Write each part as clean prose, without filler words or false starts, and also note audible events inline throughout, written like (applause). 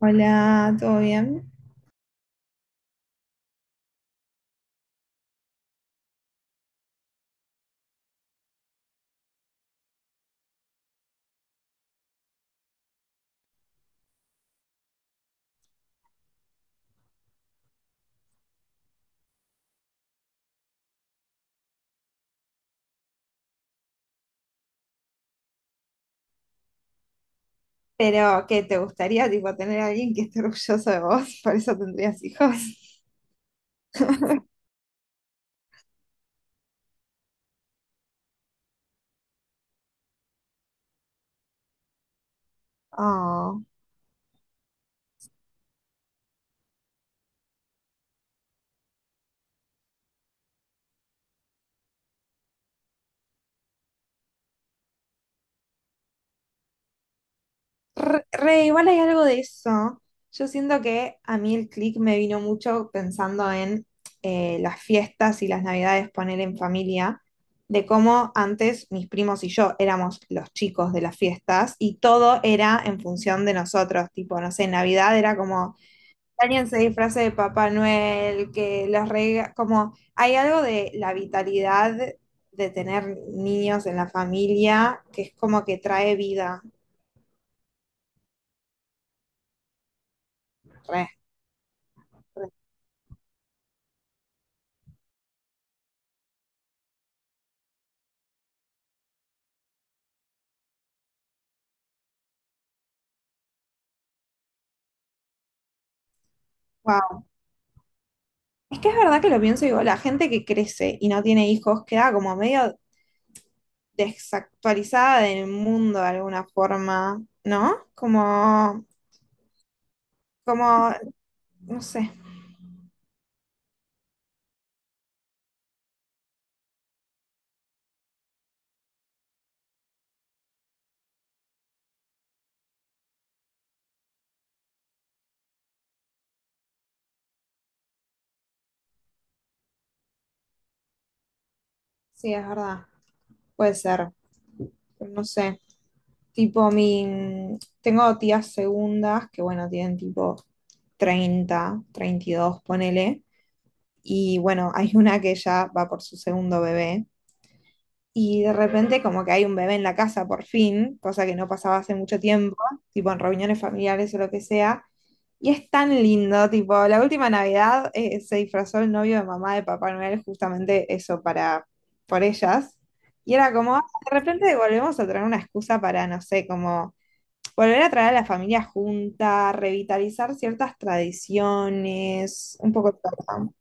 Hola, ¿todo bien? Pero que te gustaría tipo tener a alguien que esté orgulloso de vos, (laughs) por eso tendrías hijos. (laughs) Oh, re, re, igual hay algo de eso. Yo siento que a mí el click me vino mucho pensando en las fiestas y las navidades, poner en familia, de cómo antes mis primos y yo éramos los chicos de las fiestas y todo era en función de nosotros, tipo, no sé, Navidad era como... Daniel se disfraza de Papá Noel, que las reglas, como hay algo de la vitalidad de tener niños en la familia que es como que trae vida. Re, re, wow. Es que es verdad que lo pienso y digo, la gente que crece y no tiene hijos queda como medio desactualizada del mundo de alguna forma, ¿no? Como, no sé, sí, es verdad, puede ser, pero no sé. Tipo, tengo tías segundas que, bueno, tienen tipo 30 32 ponele. Y bueno, hay (laughs) una que ya va por su segundo bebé. Y de repente como que hay un bebé en la casa por fin, cosa que no pasaba hace mucho tiempo, tipo en reuniones familiares o lo que sea. Y es tan lindo, tipo, la última Navidad se disfrazó el novio de mamá de Papá Noel justamente eso para, por ellas. Y era como: "Ah, de repente volvemos a tener una excusa para, no sé, como volver a traer a la familia junta, revitalizar ciertas tradiciones, un poco todo, ¿no?".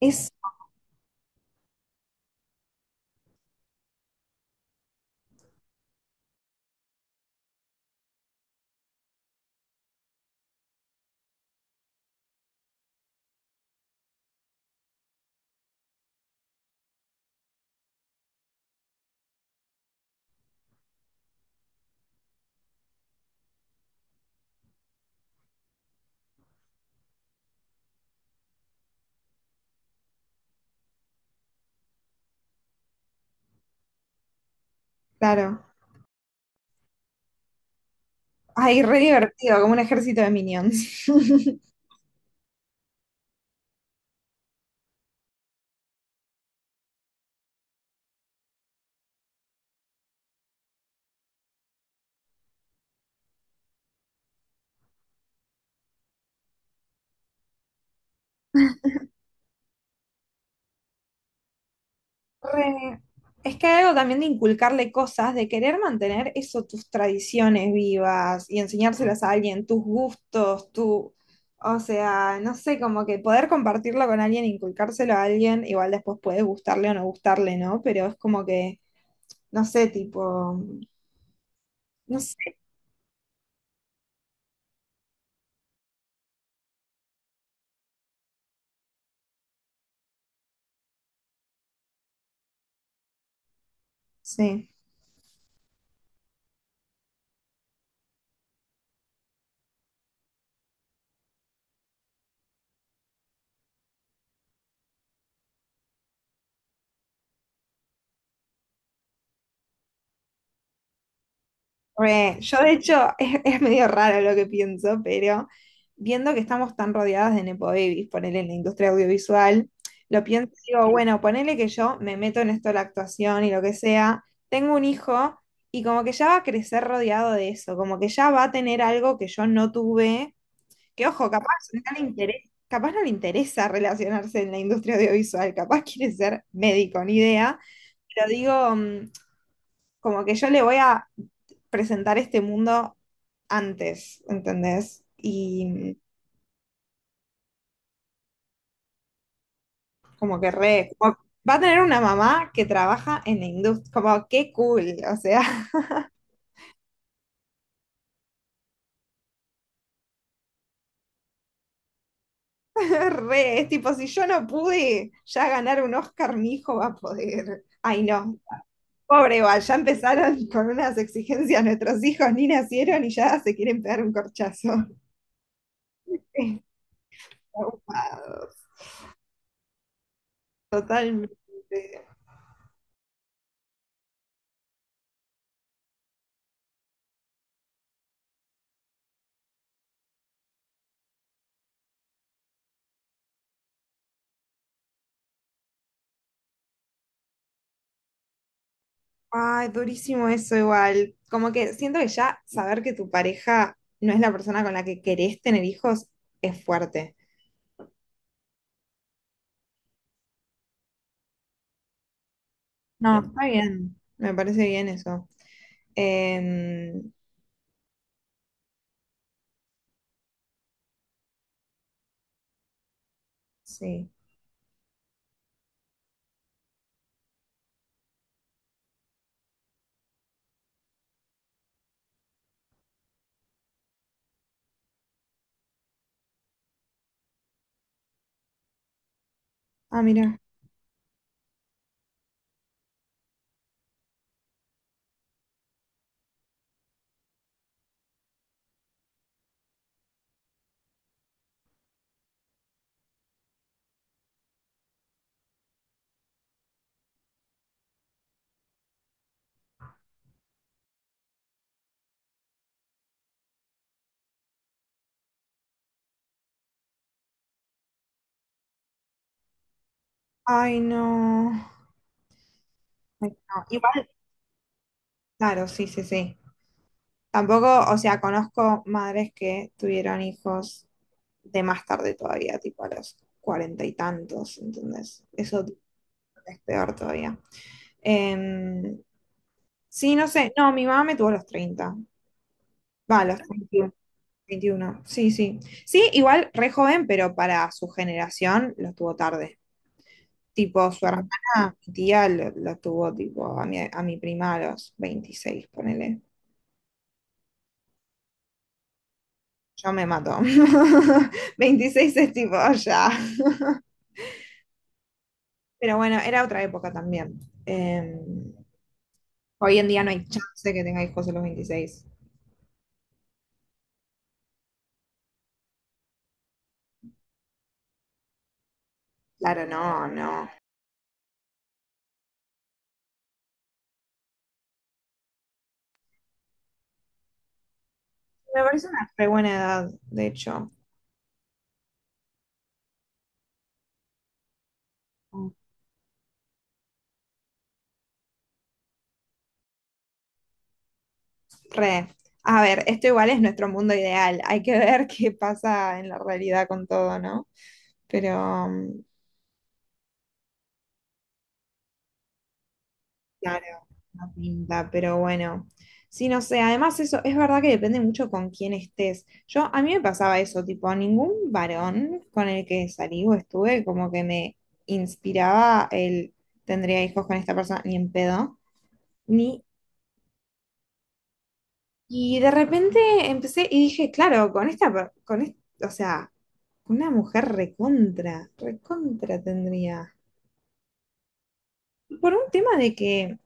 Es, claro. Ay, re divertido, como un ejército de minions. (laughs) Re- Es que hay algo también de inculcarle cosas, de querer mantener eso, tus tradiciones vivas y enseñárselas a alguien, tus gustos, tu... O sea, no sé, como que poder compartirlo con alguien, inculcárselo a alguien, igual después puede gustarle o no gustarle, ¿no? Pero es como que, no sé, tipo, no sé. Sí, re, yo de hecho (laughs) es medio raro lo que pienso, pero viendo que estamos tan rodeadas de nepo babies, ponele en la industria audiovisual, lo pienso y digo, bueno, ponele que yo me meto en esto de la actuación y lo que sea, tengo un hijo y como que ya va a crecer rodeado de eso, como que ya va a tener algo que yo no tuve, que ojo, capaz no le interesa, capaz no le interesa relacionarse en la industria audiovisual, capaz quiere ser médico, ni idea, pero digo... como que yo le voy a presentar este mundo antes, ¿entendés? Y como que re, va a tener una mamá que trabaja en la industria, como qué cool, o sea, (laughs) re, es tipo, si yo no pude ya ganar un Oscar, mi hijo va a poder. Ay, no. Pobre igual, ya empezaron con unas exigencias, nuestros hijos ni nacieron y ya se quieren pegar un corchazo. (laughs) Estafados, totalmente. Ay, durísimo eso igual. Como que siento que ya saber que tu pareja no es la persona con la que querés tener hijos es fuerte. No, claro, está bien. Me parece bien eso. Em, sí. Ah, mira. Ay, no. Ay, no. Igual, claro, sí, sí, sí. Tampoco, o sea, conozco madres que tuvieron hijos de más tarde todavía, tipo a los cuarenta y tantos, ¿entendés? Eso es peor todavía. Em, Sí, no sé. No, mi mamá me tuvo a los 30. Va, a los 21, 21. Sí, sí. Sí, igual re joven, pero para su generación lo tuvo tarde. Tipo, su hermana, mi tía, lo tuvo tipo a mi prima a los 26, ponele. Yo me mato. (laughs) 26 es tipo ya. Pero bueno, era otra época también. Eh, Hoy en día no hay chance de que tenga hijos a los 26. Claro, no, no. Me parece una re buena edad, de hecho. Re. A ver, esto igual es nuestro mundo ideal. Hay que ver (laughs) qué pasa en la realidad con todo, ¿no? Pero, claro, no pinta, pero bueno. Sí, no sé, además eso es verdad que depende mucho con quién estés. Yo, a mí me pasaba eso, tipo, ningún varón con el que salí o estuve como que me inspiraba el tendría hijos con esta persona, ni en pedo, ni y de repente empecé y dije, claro, con esta, o sea, una mujer recontra, recontra tendría. Por un tema de que,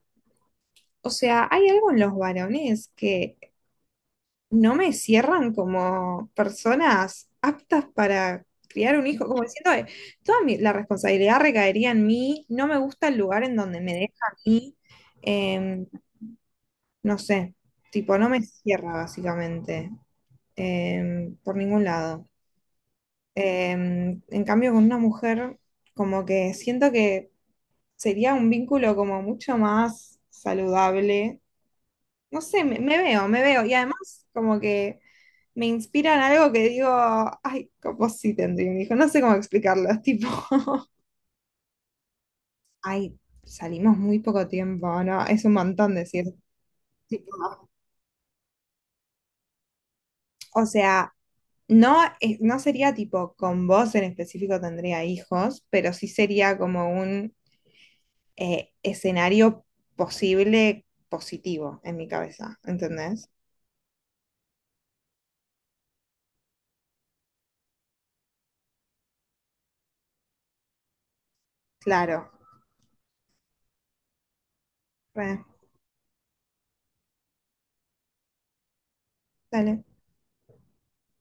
o sea, hay algo en los varones que no me cierran como personas aptas para criar un hijo, como diciendo: la responsabilidad recaería en mí, no me gusta el lugar en donde me deja a mí, em, no sé, tipo, no me cierra básicamente, por ningún lado. En cambio, con una mujer, como que siento que sería un vínculo como mucho más saludable. No sé, me veo, me veo. Y además, como que me inspiran algo que digo, ay, como sí tendría un hijo. No sé cómo explicarlo. Es tipo, (laughs) ay, salimos muy poco tiempo, ¿no? Es un montón decir, tipo, o sea, no, no sería tipo con vos en específico tendría hijos, pero sí sería como un escenario posible positivo en mi cabeza, ¿entendés? Claro, bueno, dale.